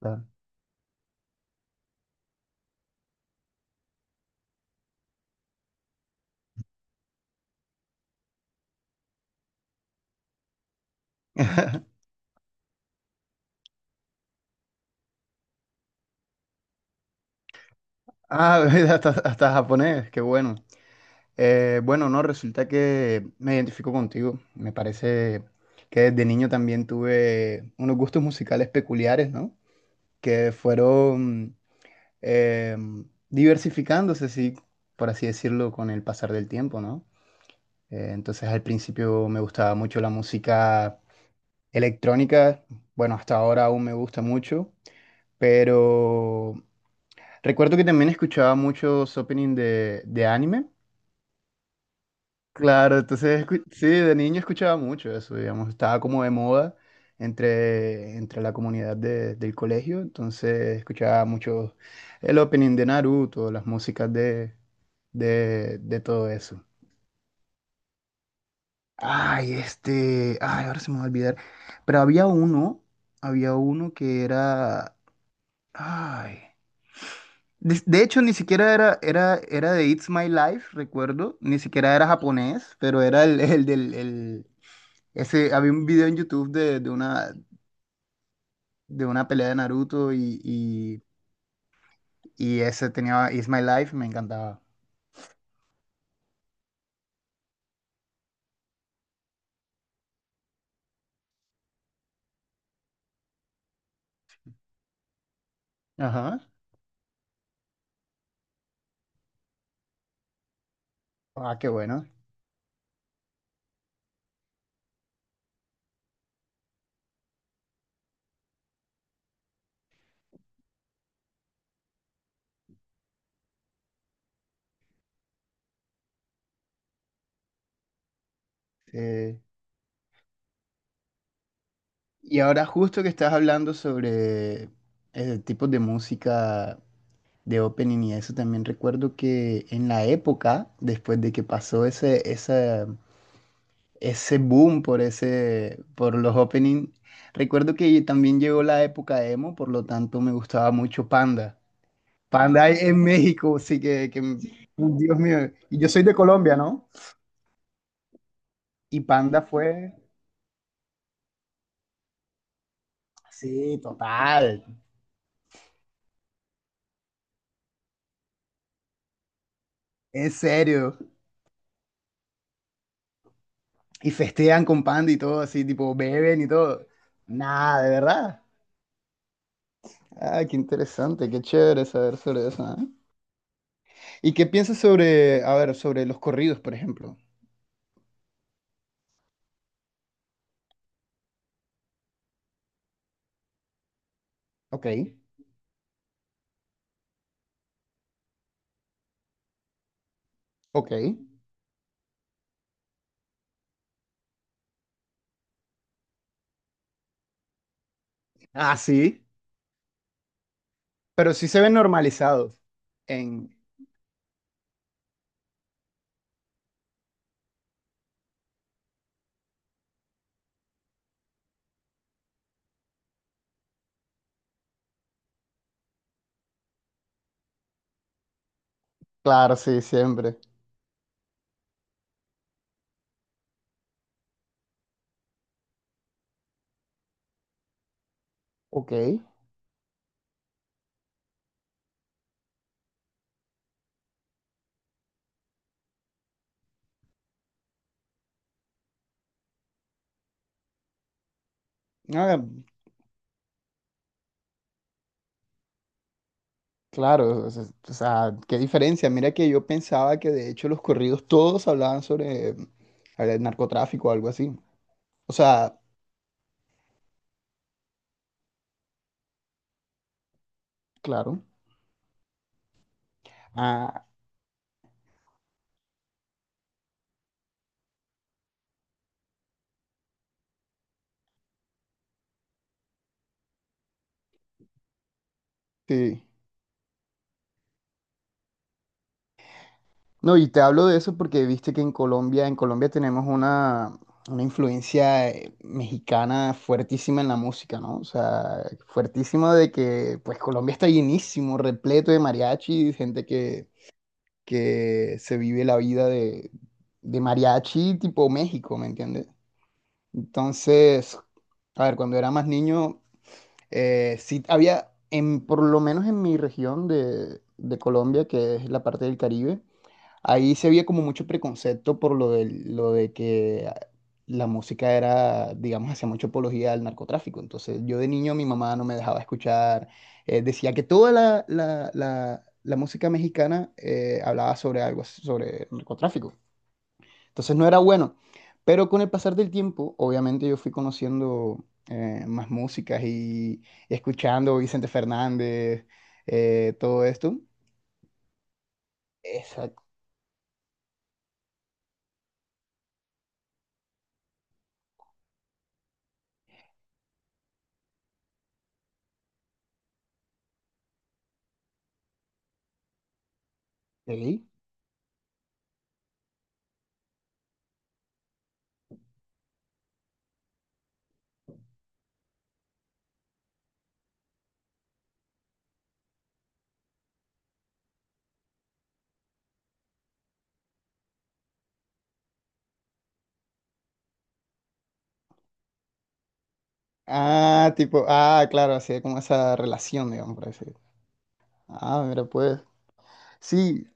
Claro. Ah, mira, hasta japonés, qué bueno. Bueno, no, resulta que me identifico contigo. Me parece que desde niño también tuve unos gustos musicales peculiares, ¿no? Que fueron eh, diversificándose, sí, por así decirlo, con el pasar del tiempo, ¿no? Entonces al principio me gustaba mucho la música electrónica, bueno, hasta ahora aún me gusta mucho, pero. Recuerdo que también escuchaba muchos opening de anime. Claro, entonces sí, de niño escuchaba mucho eso, digamos, estaba como de moda entre la comunidad del colegio, entonces escuchaba mucho el opening de Naruto, las músicas de todo eso. Ay, ay, ahora se me va a olvidar, pero había uno que era, ay. De hecho, ni siquiera era de It's My Life, recuerdo, ni siquiera era japonés, pero era el, ese, había un video en YouTube de una pelea de Naruto y ese tenía It's My Life, me encantaba. Ajá. Ah, qué bueno. Eh, y ahora justo que estás hablando sobre tipos de música de opening y eso, también recuerdo que en la época, después de que pasó ese boom por los openings. Recuerdo que también llegó la época emo, por lo tanto me gustaba mucho Panda. Panda en México, sí que, Dios mío, y yo soy de Colombia, ¿no? Y Panda fue, sí, total, en serio. Y festean con Panda y todo, así, tipo, beben y todo. Nada, de verdad. Ah, qué interesante, qué chévere saber sobre eso, ¿eh? ¿Y qué piensas sobre, a ver, sobre los corridos, por ejemplo? Ok, ok. Ah, sí. Pero sí se ven normalizados en. Claro, sí, siempre. Ok. Ah, claro, o sea, qué diferencia. Mira que yo pensaba que de hecho los corridos todos hablaban sobre el narcotráfico o algo así. O sea, claro. ah, sí. No, y te hablo de eso porque viste que en Colombia, tenemos una influencia mexicana fuertísima en la música, ¿no? O sea, fuertísima de que pues Colombia está llenísimo, repleto de mariachi, gente que se vive la vida de mariachi tipo México, ¿me entiendes? Entonces, a ver, cuando era más niño, sí había, por lo menos en mi región de Colombia, que es la parte del Caribe. Ahí se veía como mucho preconcepto por lo de que la música era, digamos, hacía mucha apología al narcotráfico. Entonces, yo de niño mi mamá no me dejaba escuchar. Decía que toda la música mexicana hablaba sobre algo, sobre narcotráfico. Entonces, no era bueno. Pero con el pasar del tiempo, obviamente yo fui conociendo más músicas y escuchando Vicente Fernández, todo esto. Exacto. Ah, tipo, ah, claro, así como esa relación, digamos, por así decirlo. Ah, mira, pues. Sí,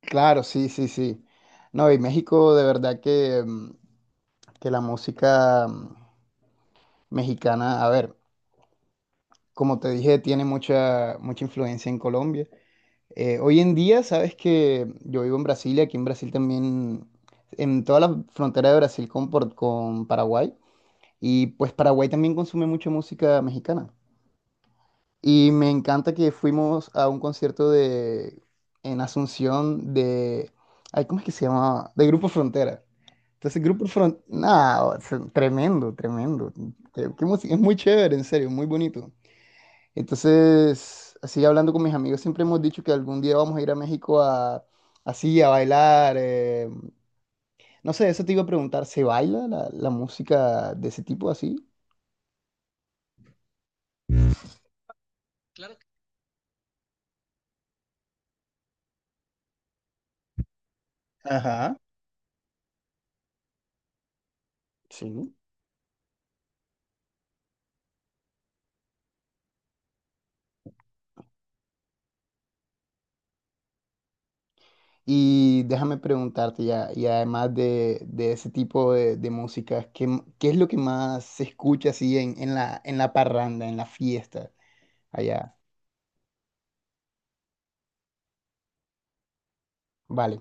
claro, sí, sí, sí. No, y México, de verdad que la música mexicana, a ver, como te dije, tiene mucha, mucha influencia en Colombia. Hoy en día, sabes que yo vivo en Brasil y aquí en Brasil también, en toda la frontera de Brasil con Paraguay, y pues Paraguay también consume mucha música mexicana. Y me encanta que fuimos a un concierto de en Asunción de ay, ¿cómo es que se llamaba? De Grupo Frontera. Entonces, Grupo Frontera, nada, tremendo, tremendo. Es muy chévere, en serio, muy bonito. Entonces, así hablando con mis amigos, siempre hemos dicho que algún día vamos a ir a México a así a bailar. No sé, eso te iba a preguntar, ¿se baila la música de ese tipo así? Ajá. Sí. Y déjame preguntarte ya, y además de ese tipo de música, ¿qué es lo que más se escucha así en la parranda, en la fiesta allá? Vale,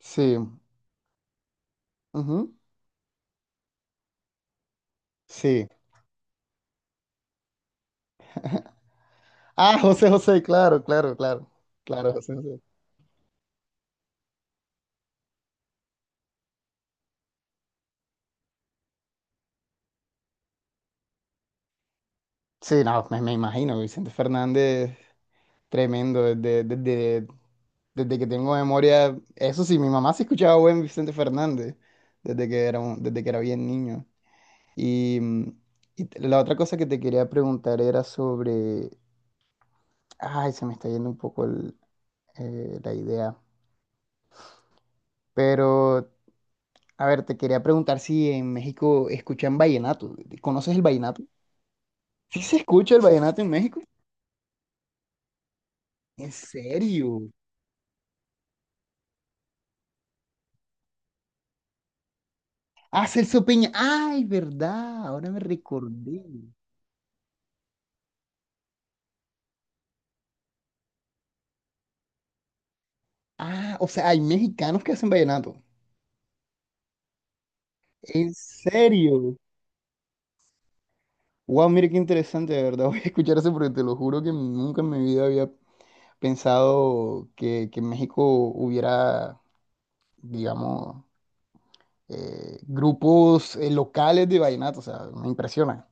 sí, ujú, sí. Ah, José José, claro, claro, claro, claro, José José. Sí, no, me imagino, Vicente Fernández, tremendo, desde que tengo memoria, eso sí, mi mamá se escuchaba buen Vicente Fernández, desde que era bien niño. Y, mm, y la otra cosa que te quería preguntar era sobre. Ay, se me está yendo un poco la idea. Pero, a ver, te quería preguntar si en México escuchan vallenato. ¿Conoces el vallenato? ¿Sí se escucha el vallenato en México? ¿En serio? Ah, Celso Peña. Ay, verdad. Ahora me recordé. Ah, o sea, hay mexicanos que hacen vallenato. ¿En serio? Wow, mira qué interesante, de verdad. Voy a escuchar eso porque te lo juro que nunca en mi vida había pensado que en México hubiera, digamos, grupos locales de vallenato, o sea, me impresiona.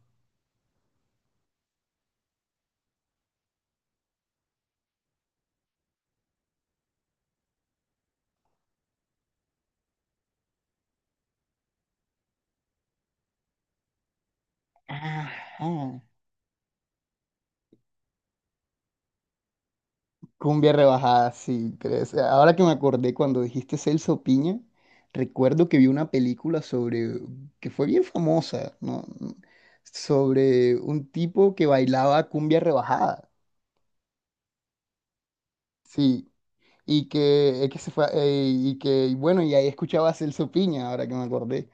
Ajá. Cumbia rebajada, sí. Ahora que me acordé cuando dijiste Celso Piña, recuerdo que vi una película sobre, que fue bien famosa, ¿no? Sobre un tipo que bailaba cumbia rebajada, sí. Y que se fue, y que, y bueno, y ahí escuchaba a Celso Piña, ahora que me acordé.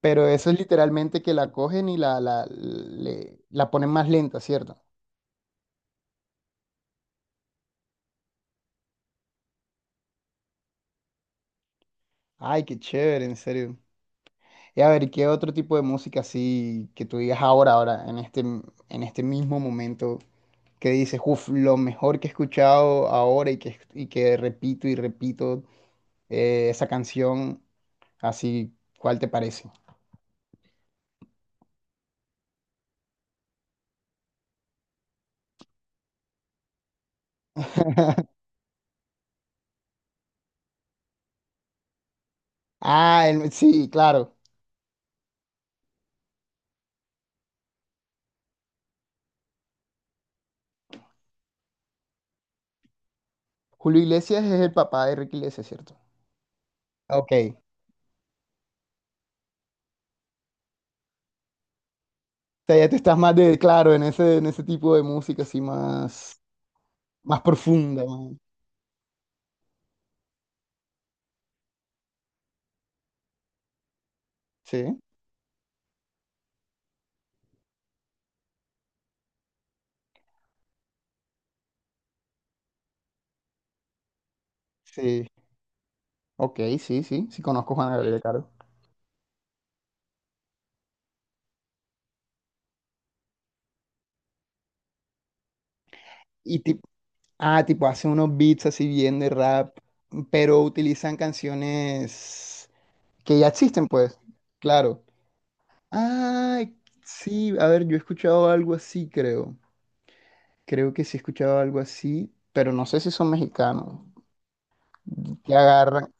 Pero eso es literalmente que la cogen y la ponen más lenta, ¿cierto? Ay, qué chévere, en serio. Y a ver, ¿qué otro tipo de música así que tú digas ahora, en este mismo momento, que dices, uff, lo mejor que he escuchado ahora y que repito y repito esa canción, así, ¿cuál te parece? Ah, sí, claro. Julio Iglesias es el papá de Ricky Iglesias, ¿cierto? Ok. Sea, ya te estás más de, claro, en ese tipo de música así más, más profunda, más. Sí, sí. Ok, sí, sí, sí conozco a Juan Gabriel, claro. Y tipo, ah, tipo, hace unos beats así bien de rap, pero utilizan canciones que ya existen, pues, claro. Ah, sí, a ver, yo he escuchado algo así, creo. Creo que sí he escuchado algo así, pero no sé si son mexicanos. Que agarran.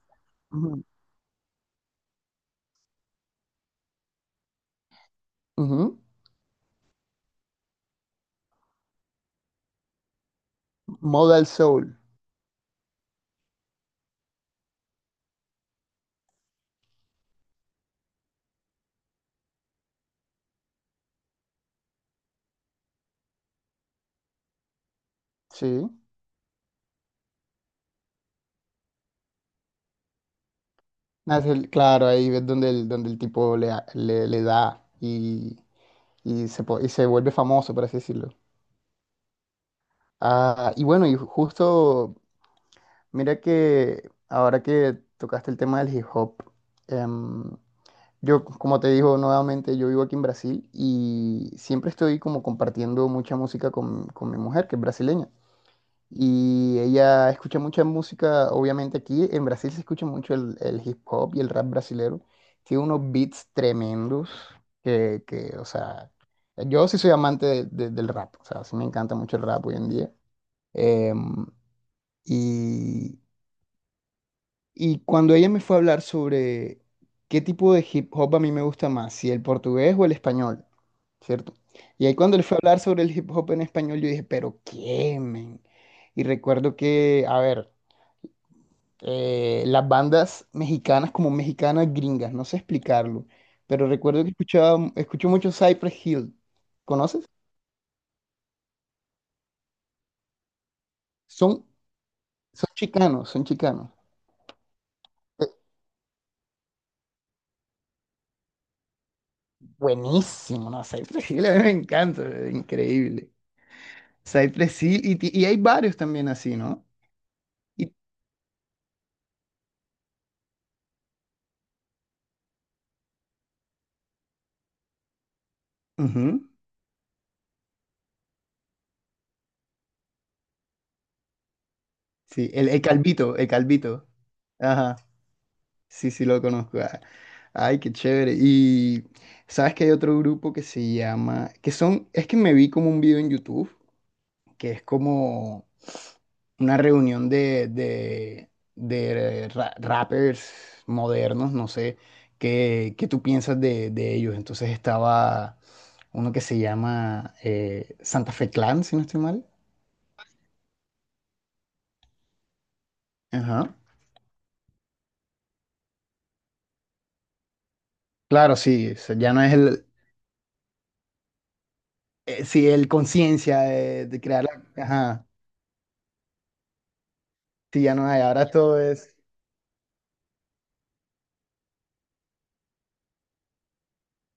Ujú, ujú, Modal Soul, sí. Nace claro, ahí ves donde donde el tipo le da y se vuelve famoso, por así decirlo. Ah, y bueno, y justo, mira que ahora que tocaste el tema del hip hop, em, yo, como te digo nuevamente, yo vivo aquí en Brasil y siempre estoy como compartiendo mucha música con mi mujer, que es brasileña. Y ella escucha mucha música, obviamente aquí en Brasil se escucha mucho el hip hop y el rap brasilero. Tiene unos beats tremendos que, o sea, yo sí soy amante del rap, o sea, sí me encanta mucho el rap hoy en día. Em, y, y cuando ella me fue a hablar sobre qué tipo de hip hop a mí me gusta más, si el portugués o el español, ¿cierto? Y ahí cuando le fue a hablar sobre el hip hop en español, yo dije, pero qué, men. Y recuerdo que, a ver, las bandas mexicanas como mexicanas gringas, no sé explicarlo, pero recuerdo que escuchaba, escucho mucho Cypress Hill, ¿conoces? Son, son chicanos, son chicanos. Eh, Buenísimo, ¿no? Cypress Hill a mí me encanta, increíble. Cypress Hill, y hay varios también así, ¿no? Y, ujú, sí, el Calvito, el Calvito. Ajá, sí, sí, lo conozco. Ah, ay, qué chévere. Y sabes que hay otro grupo que se llama, que son, es que me vi como un video en YouTube que es como una reunión de rappers modernos, no sé, qué tú piensas de ellos. Entonces estaba uno que se llama Santa Fe Clan, si no estoy mal. Ajá. Claro, sí, o sea, ya no es el, sí, el conciencia de crear la. Ajá, sí, ya no hay, ahora todo es.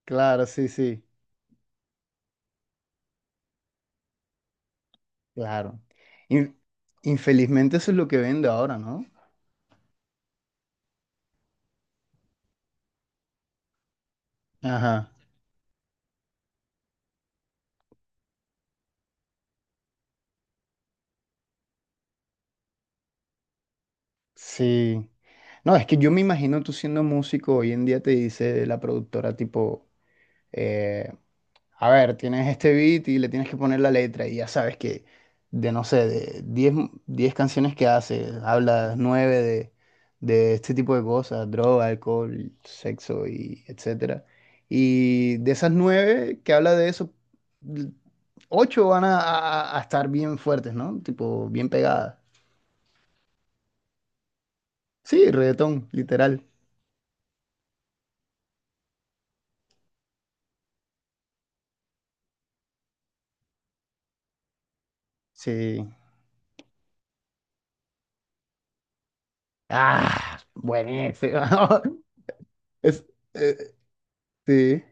Claro, sí, sí, claro. In- Infelizmente eso es lo que vende ahora, ¿no? Ajá. Sí. No, es que yo me imagino tú siendo músico, hoy en día te dice la productora tipo, eh, a ver, tienes este beat y le tienes que poner la letra y ya sabes que de, no sé, de 10 canciones que hace, habla 9 de este tipo de cosas, droga, alcohol, sexo y etcétera. Y de esas 9 que habla de eso, l- 8 van a estar bien fuertes, ¿no? Tipo, bien pegadas. Sí, reggaetón, literal. Sí. Ah, buenísimo. Es, eh, sí,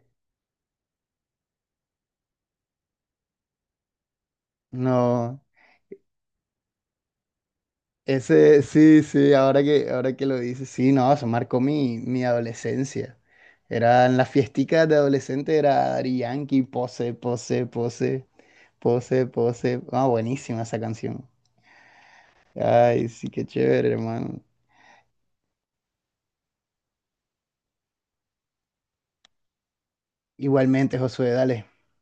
no. Ese, sí, sí, ahora que lo dices, sí, no, eso marcó mi adolescencia. Eran las fiesticas de adolescente, era Daddy Yankee, pose, pose, pose, pose, pose. Ah, buenísima esa canción. Ay, sí, qué chévere, hermano. Igualmente, Josué, dale.